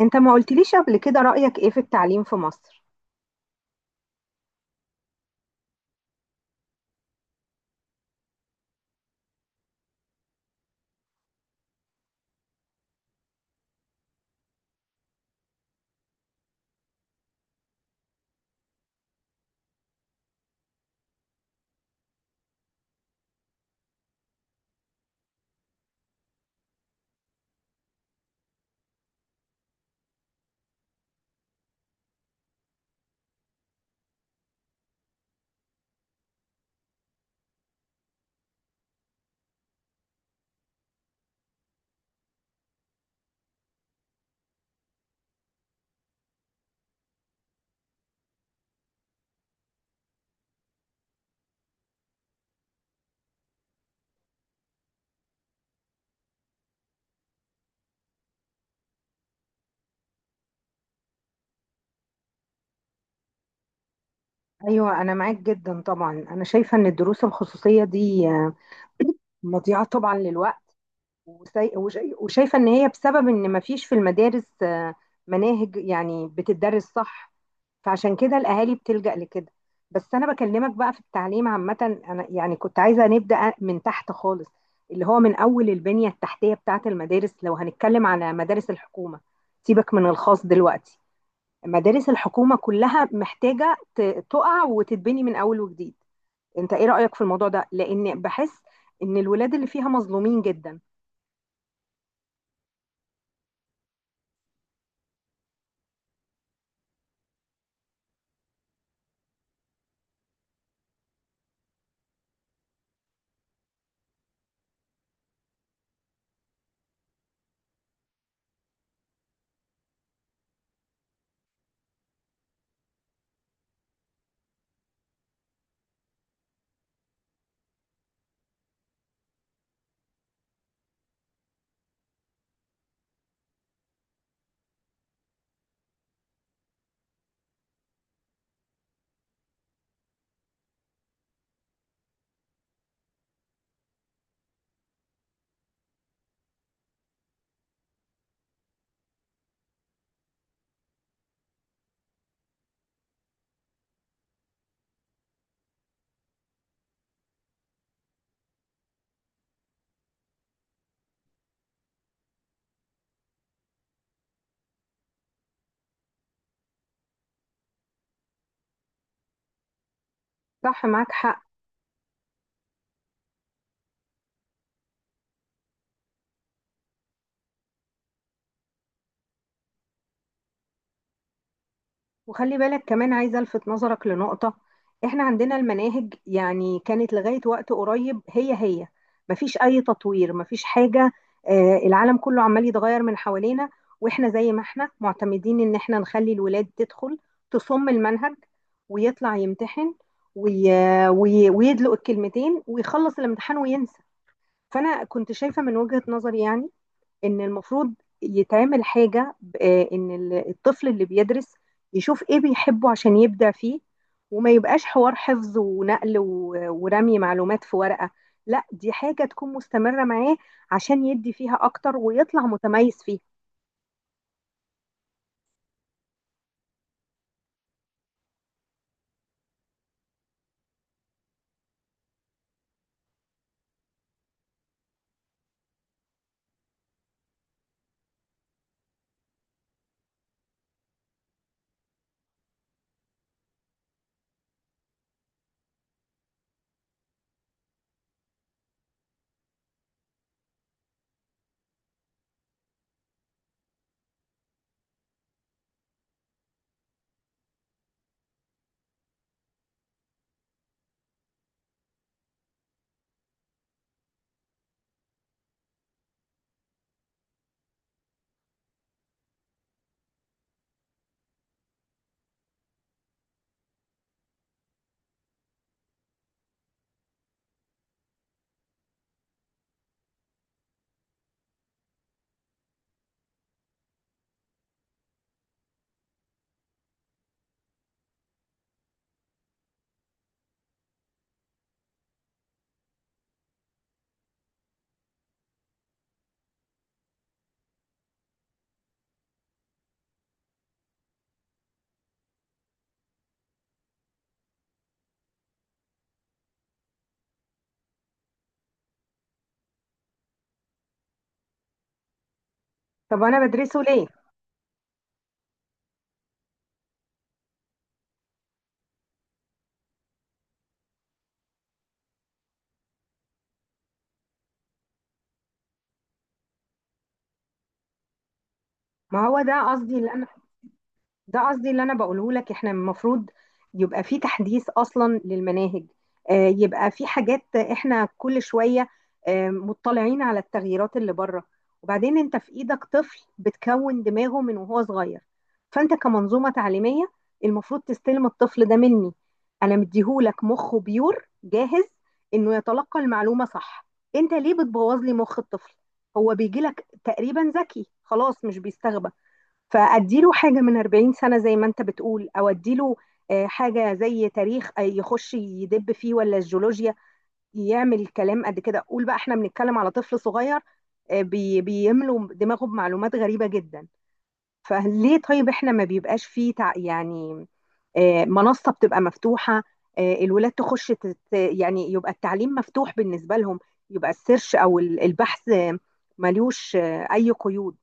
انت ما قلتليش قبل كده رأيك ايه في التعليم في مصر؟ ايوه، انا معاك جدا طبعا. انا شايفة ان الدروس الخصوصية دي مضيعة طبعا للوقت. وشايفة ان هي بسبب ان ما فيش في المدارس مناهج يعني بتدرس صح، فعشان كده الاهالي بتلجأ لكده. بس انا بكلمك بقى في التعليم عامة، انا يعني كنت عايزة نبدأ من تحت خالص، اللي هو من اول البنية التحتية بتاعة المدارس. لو هنتكلم على مدارس الحكومة، سيبك من الخاص دلوقتي، مدارس الحكومة كلها محتاجة تقع وتتبني من أول وجديد. أنت إيه رأيك في الموضوع ده؟ لأن بحس إن الولاد اللي فيها مظلومين جدا. صح، معاك حق. وخلي بالك، كمان عايزة ألفت نظرك لنقطة: إحنا عندنا المناهج يعني كانت لغاية وقت قريب هي هي، مفيش أي تطوير، مفيش حاجة. العالم كله عمال يتغير من حوالينا، وإحنا زي ما إحنا معتمدين إن إحنا نخلي الولاد تدخل تصم المنهج ويطلع يمتحن وي... ويدلق الكلمتين ويخلص الامتحان وينسى. فأنا كنت شايفة من وجهة نظري يعني ان المفروض يتعمل حاجة، ان الطفل اللي بيدرس يشوف ايه بيحبه عشان يبدع فيه، وما يبقاش حوار حفظ ونقل ورمي معلومات في ورقة. لا، دي حاجة تكون مستمرة معاه عشان يدي فيها اكتر ويطلع متميز فيها. طب انا بدرسه ليه؟ ما هو ده قصدي اللي ده قصدي اللي انا بقوله لك. احنا المفروض يبقى في تحديث اصلا للمناهج. يبقى في حاجات احنا كل شويه مطلعين على التغييرات اللي بره. وبعدين انت في ايدك طفل بتكون دماغه من وهو صغير، فانت كمنظومه تعليميه المفروض تستلم الطفل ده مني. انا مديهولك مخه بيور جاهز انه يتلقى المعلومه صح. انت ليه بتبوظ لي مخ الطفل؟ هو بيجي لك تقريبا ذكي خلاص، مش بيستغبى. فاديله حاجه من 40 سنه زي ما انت بتقول، او اديله حاجه زي تاريخ، يخش يدب فيه، ولا الجيولوجيا يعمل كلام قد كده. قول بقى احنا بنتكلم على طفل صغير، بيملوا دماغه بمعلومات غريبه جدا. فليه طيب احنا ما بيبقاش فيه يعني منصه بتبقى مفتوحه، الولاد تخش تت يعني، يبقى التعليم مفتوح بالنسبه لهم، يبقى السيرش او البحث ملوش اي قيود.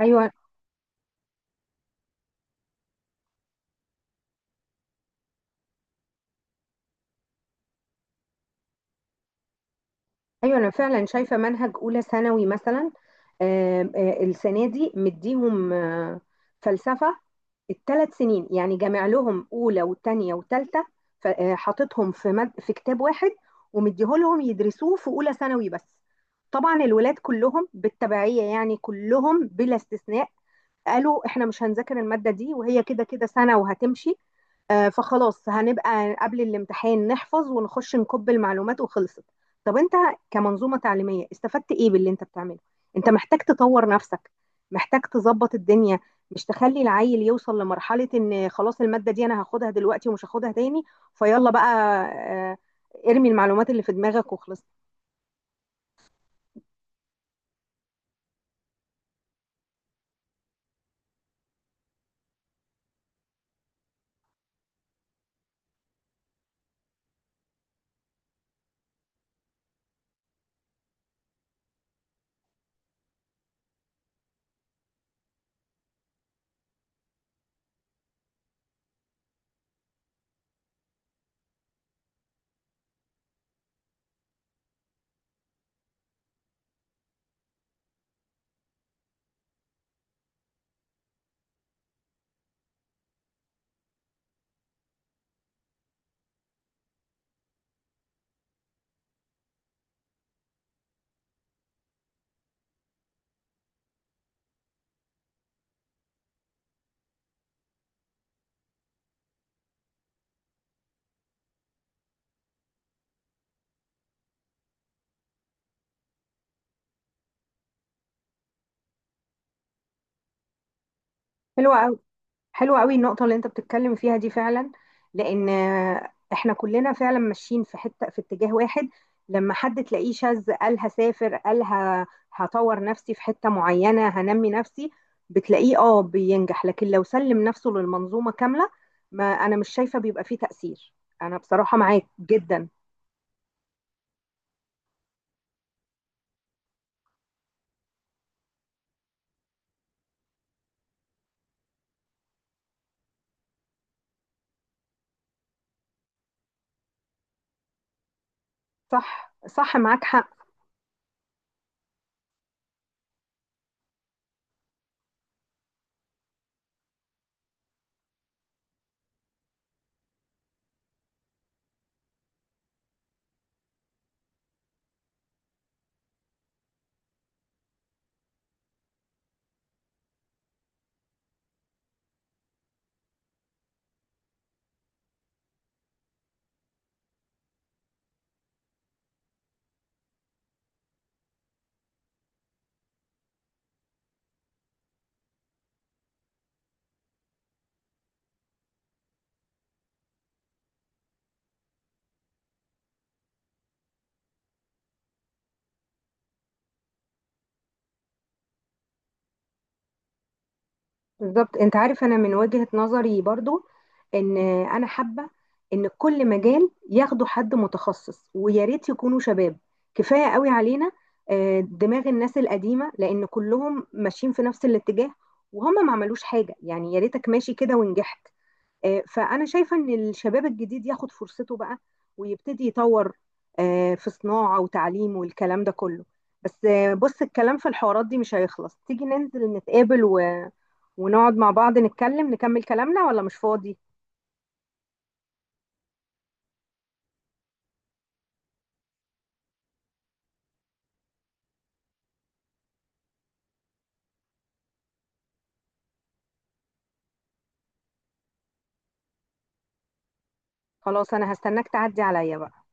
ايوه. ايوه، انا فعلا شايفه منهج اولى ثانوي مثلا السنه دي مديهم فلسفه الثلاث سنين، يعني جامع لهم اولى وثانيه وثالثه، في كتاب واحد ومديهولهم يدرسوه في اولى ثانوي بس. طبعا الولاد كلهم بالتبعيه يعني، كلهم بلا استثناء، قالوا احنا مش هنذاكر المادة دي، وهي كده كده سنة وهتمشي. فخلاص هنبقى قبل الامتحان نحفظ ونخش نكب المعلومات وخلصت. طب انت كمنظومة تعليمية استفدت ايه باللي انت بتعمله؟ انت محتاج تطور نفسك، محتاج تظبط الدنيا، مش تخلي العيل يوصل لمرحلة ان خلاص المادة دي انا هاخدها دلوقتي ومش هاخدها تاني. فيلا بقى آه، ارمي المعلومات اللي في دماغك وخلص. حلوة قوي. حلوة قوي النقطة اللي انت بتتكلم فيها دي فعلا، لان احنا كلنا فعلا ماشيين في حتة، في اتجاه واحد. لما حد تلاقيه شاذ، قال هسافر، قال هطور نفسي في حتة معينة، هنمي نفسي، بتلاقيه اه بينجح. لكن لو سلم نفسه للمنظومة كاملة، ما انا مش شايفة بيبقى فيه تأثير. انا بصراحة معاك جدا. صح، صح، معاك حق. بالظبط. انت عارف انا من وجهة نظري برضو ان انا حابة ان كل مجال ياخدوا حد متخصص، ويا ريت يكونوا شباب. كفاية قوي علينا دماغ الناس القديمة، لان كلهم ماشيين في نفس الاتجاه وهم ما عملوش حاجة. يعني يا ريتك ماشي كده ونجحت. فانا شايفة ان الشباب الجديد ياخد فرصته بقى، ويبتدي يطور في صناعة وتعليم والكلام ده كله. بس بص، الكلام في الحوارات دي مش هيخلص. تيجي ننزل نتقابل و ونقعد مع بعض نتكلم نكمل كلامنا، ولا مش فاضي؟ خلاص، انا هستناك تعدي عليا بقى.